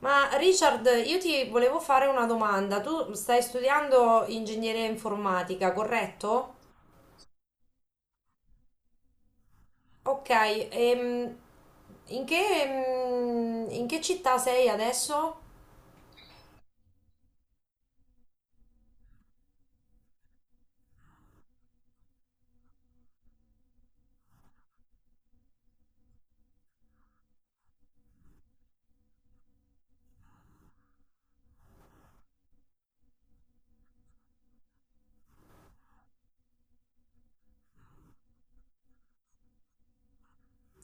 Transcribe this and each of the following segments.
Ma Richard, io ti volevo fare una domanda. Tu stai studiando ingegneria informatica, corretto? Ok, ehm, in che città sei adesso?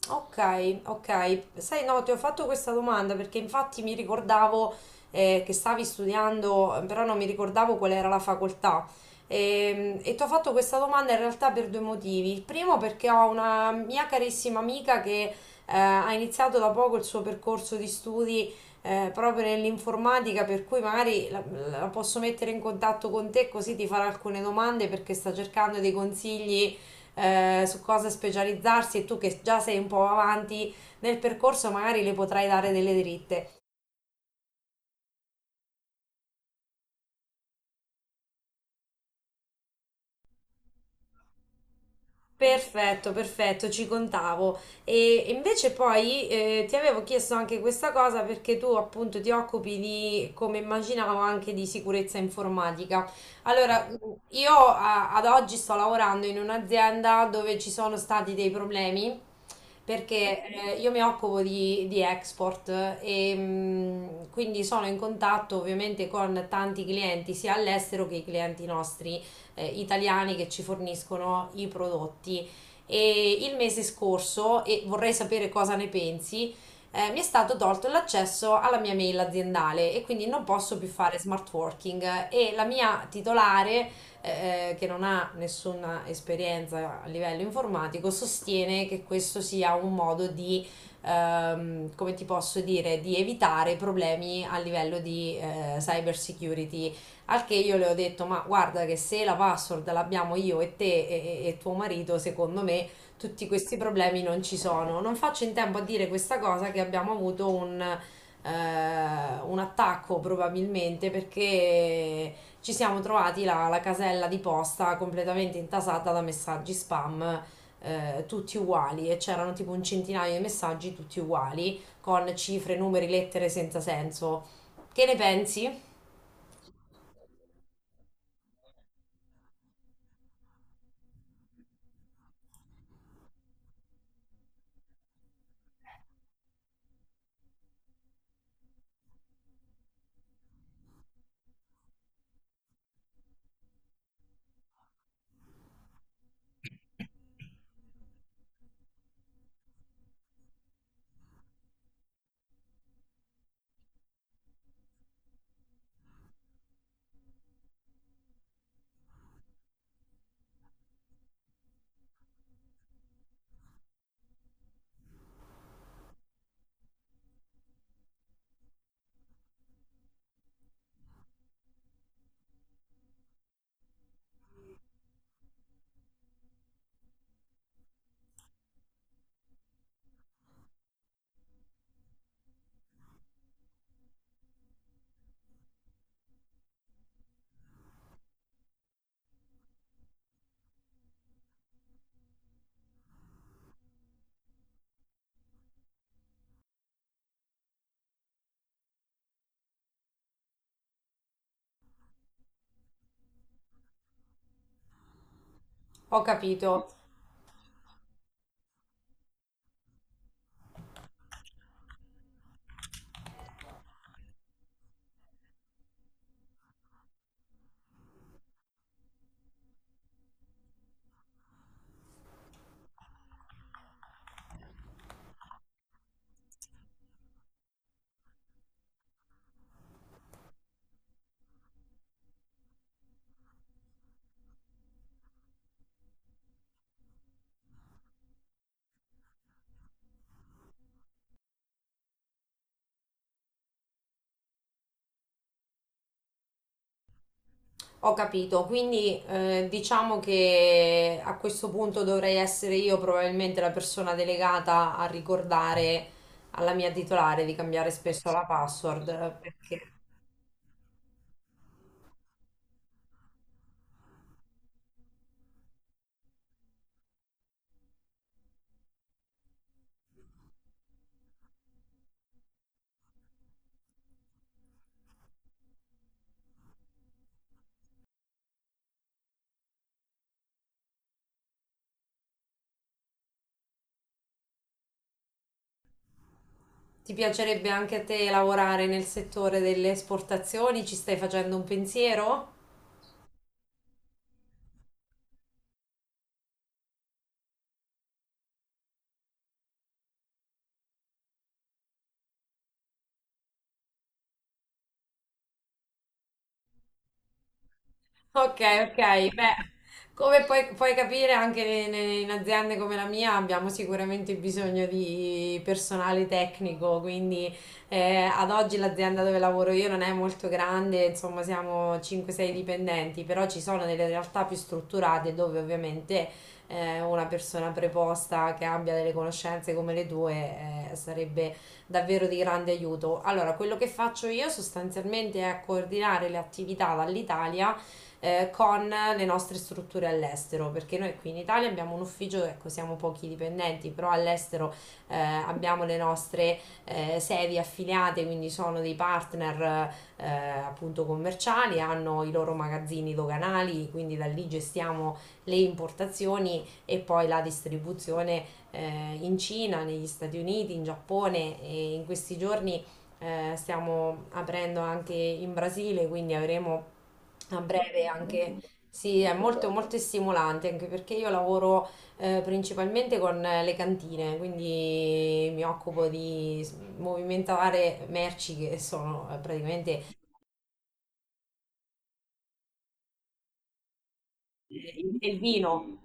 Ok, ok. Sai, no, ti ho fatto questa domanda perché infatti mi ricordavo che stavi studiando, però non mi ricordavo qual era la facoltà. E, ti ho fatto questa domanda in realtà per due motivi. Il primo perché ho una mia carissima amica che ha iniziato da poco il suo percorso di studi proprio nell'informatica, per cui magari la posso mettere in contatto con te così ti farà alcune domande perché sta cercando dei consigli su cosa specializzarsi e tu che già sei un po' avanti nel percorso magari le potrai dare delle dritte. Perfetto, perfetto, ci contavo. E invece poi ti avevo chiesto anche questa cosa perché tu appunto ti occupi di, come immaginavo, anche di sicurezza informatica. Allora, io ad oggi sto lavorando in un'azienda dove ci sono stati dei problemi perché io mi occupo di export e quindi sono in contatto ovviamente con tanti clienti sia all'estero che i clienti nostri italiani che ci forniscono i prodotti. E il mese scorso, e vorrei sapere cosa ne pensi, mi è stato tolto l'accesso alla mia mail aziendale e quindi non posso più fare smart working e la mia titolare, che non ha nessuna esperienza a livello informatico, sostiene che questo sia un modo di, come ti posso dire, di evitare problemi a livello di cyber security al che io le ho detto, ma guarda che se la password l'abbiamo io e te e tuo marito, secondo me tutti questi problemi non ci sono. Non faccio in tempo a dire questa cosa che abbiamo avuto un attacco probabilmente perché ci siamo trovati la casella di posta completamente intasata da messaggi spam. Tutti uguali e c'erano tipo un centinaio di messaggi tutti uguali con cifre, numeri, lettere senza senso. Che ne pensi? Ho capito. Ho capito, quindi diciamo che a questo punto dovrei essere io probabilmente la persona delegata a ricordare alla mia titolare di cambiare spesso la password, perché ti piacerebbe anche a te lavorare nel settore delle esportazioni? Ci stai facendo un pensiero? Ok, ok, beh, come puoi capire anche in aziende come la mia abbiamo sicuramente bisogno di personale tecnico, quindi ad oggi l'azienda dove lavoro io non è molto grande, insomma siamo 5-6 dipendenti, però ci sono delle realtà più strutturate dove ovviamente una persona preposta che abbia delle conoscenze come le tue sarebbe davvero di grande aiuto. Allora, quello che faccio io sostanzialmente è coordinare le attività dall'Italia con le nostre strutture all'estero, perché noi qui in Italia abbiamo un ufficio, ecco, siamo pochi dipendenti, però all'estero abbiamo le nostre sedi affiliate, quindi sono dei partner appunto commerciali, hanno i loro magazzini doganali, quindi da lì gestiamo le importazioni e poi la distribuzione in Cina, negli Stati Uniti, in Giappone e in questi giorni stiamo aprendo anche in Brasile, quindi avremo a breve anche, sì, è molto, molto stimolante anche perché io lavoro principalmente con le cantine, quindi mi occupo di movimentare merci che sono praticamente il vino.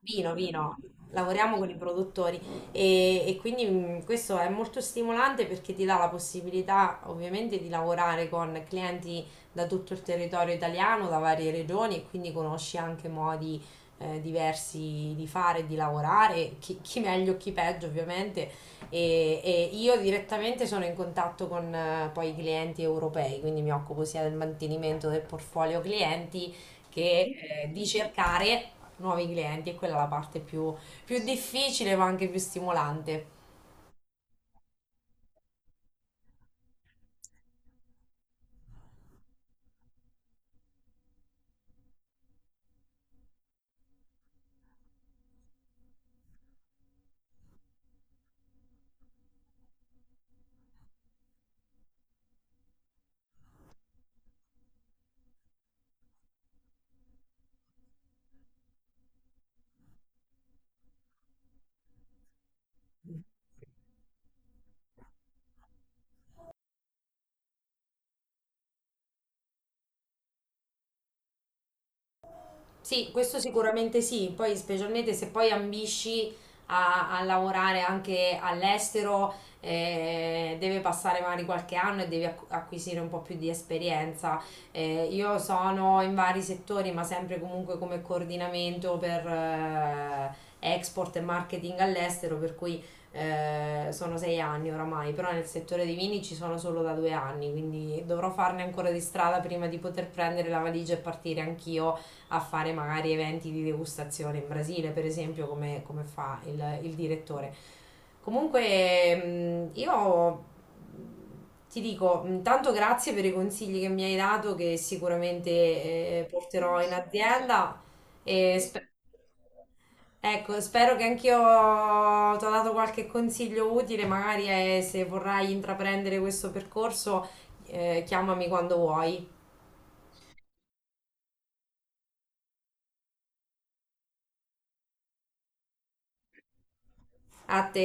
Vino, vino, lavoriamo con i produttori e quindi questo è molto stimolante perché ti dà la possibilità ovviamente di lavorare con clienti da tutto il territorio italiano, da varie regioni e quindi conosci anche modi diversi di fare, e di lavorare, chi, chi meglio, chi peggio ovviamente e io direttamente sono in contatto con poi i clienti europei, quindi mi occupo sia del mantenimento del portfolio clienti che di cercare nuovi clienti e quella è la parte più, più difficile ma anche più stimolante. Sì, questo sicuramente sì, poi specialmente se poi ambisci a lavorare anche all'estero, deve passare magari qualche anno e devi acquisire un po' più di esperienza. Io sono in vari settori, ma sempre comunque come coordinamento per export e marketing all'estero, per cui sono 6 anni oramai, però nel settore dei vini ci sono solo da 2 anni, quindi dovrò farne ancora di strada prima di poter prendere la valigia e partire anch'io a fare magari eventi di degustazione in Brasile, per esempio, come fa il direttore. Comunque, io ti dico, intanto grazie per i consigli che mi hai dato, che sicuramente porterò in azienda. E ecco, spero che anch'io ti ho dato qualche consiglio utile, magari se vorrai intraprendere questo percorso, chiamami quando vuoi. A te.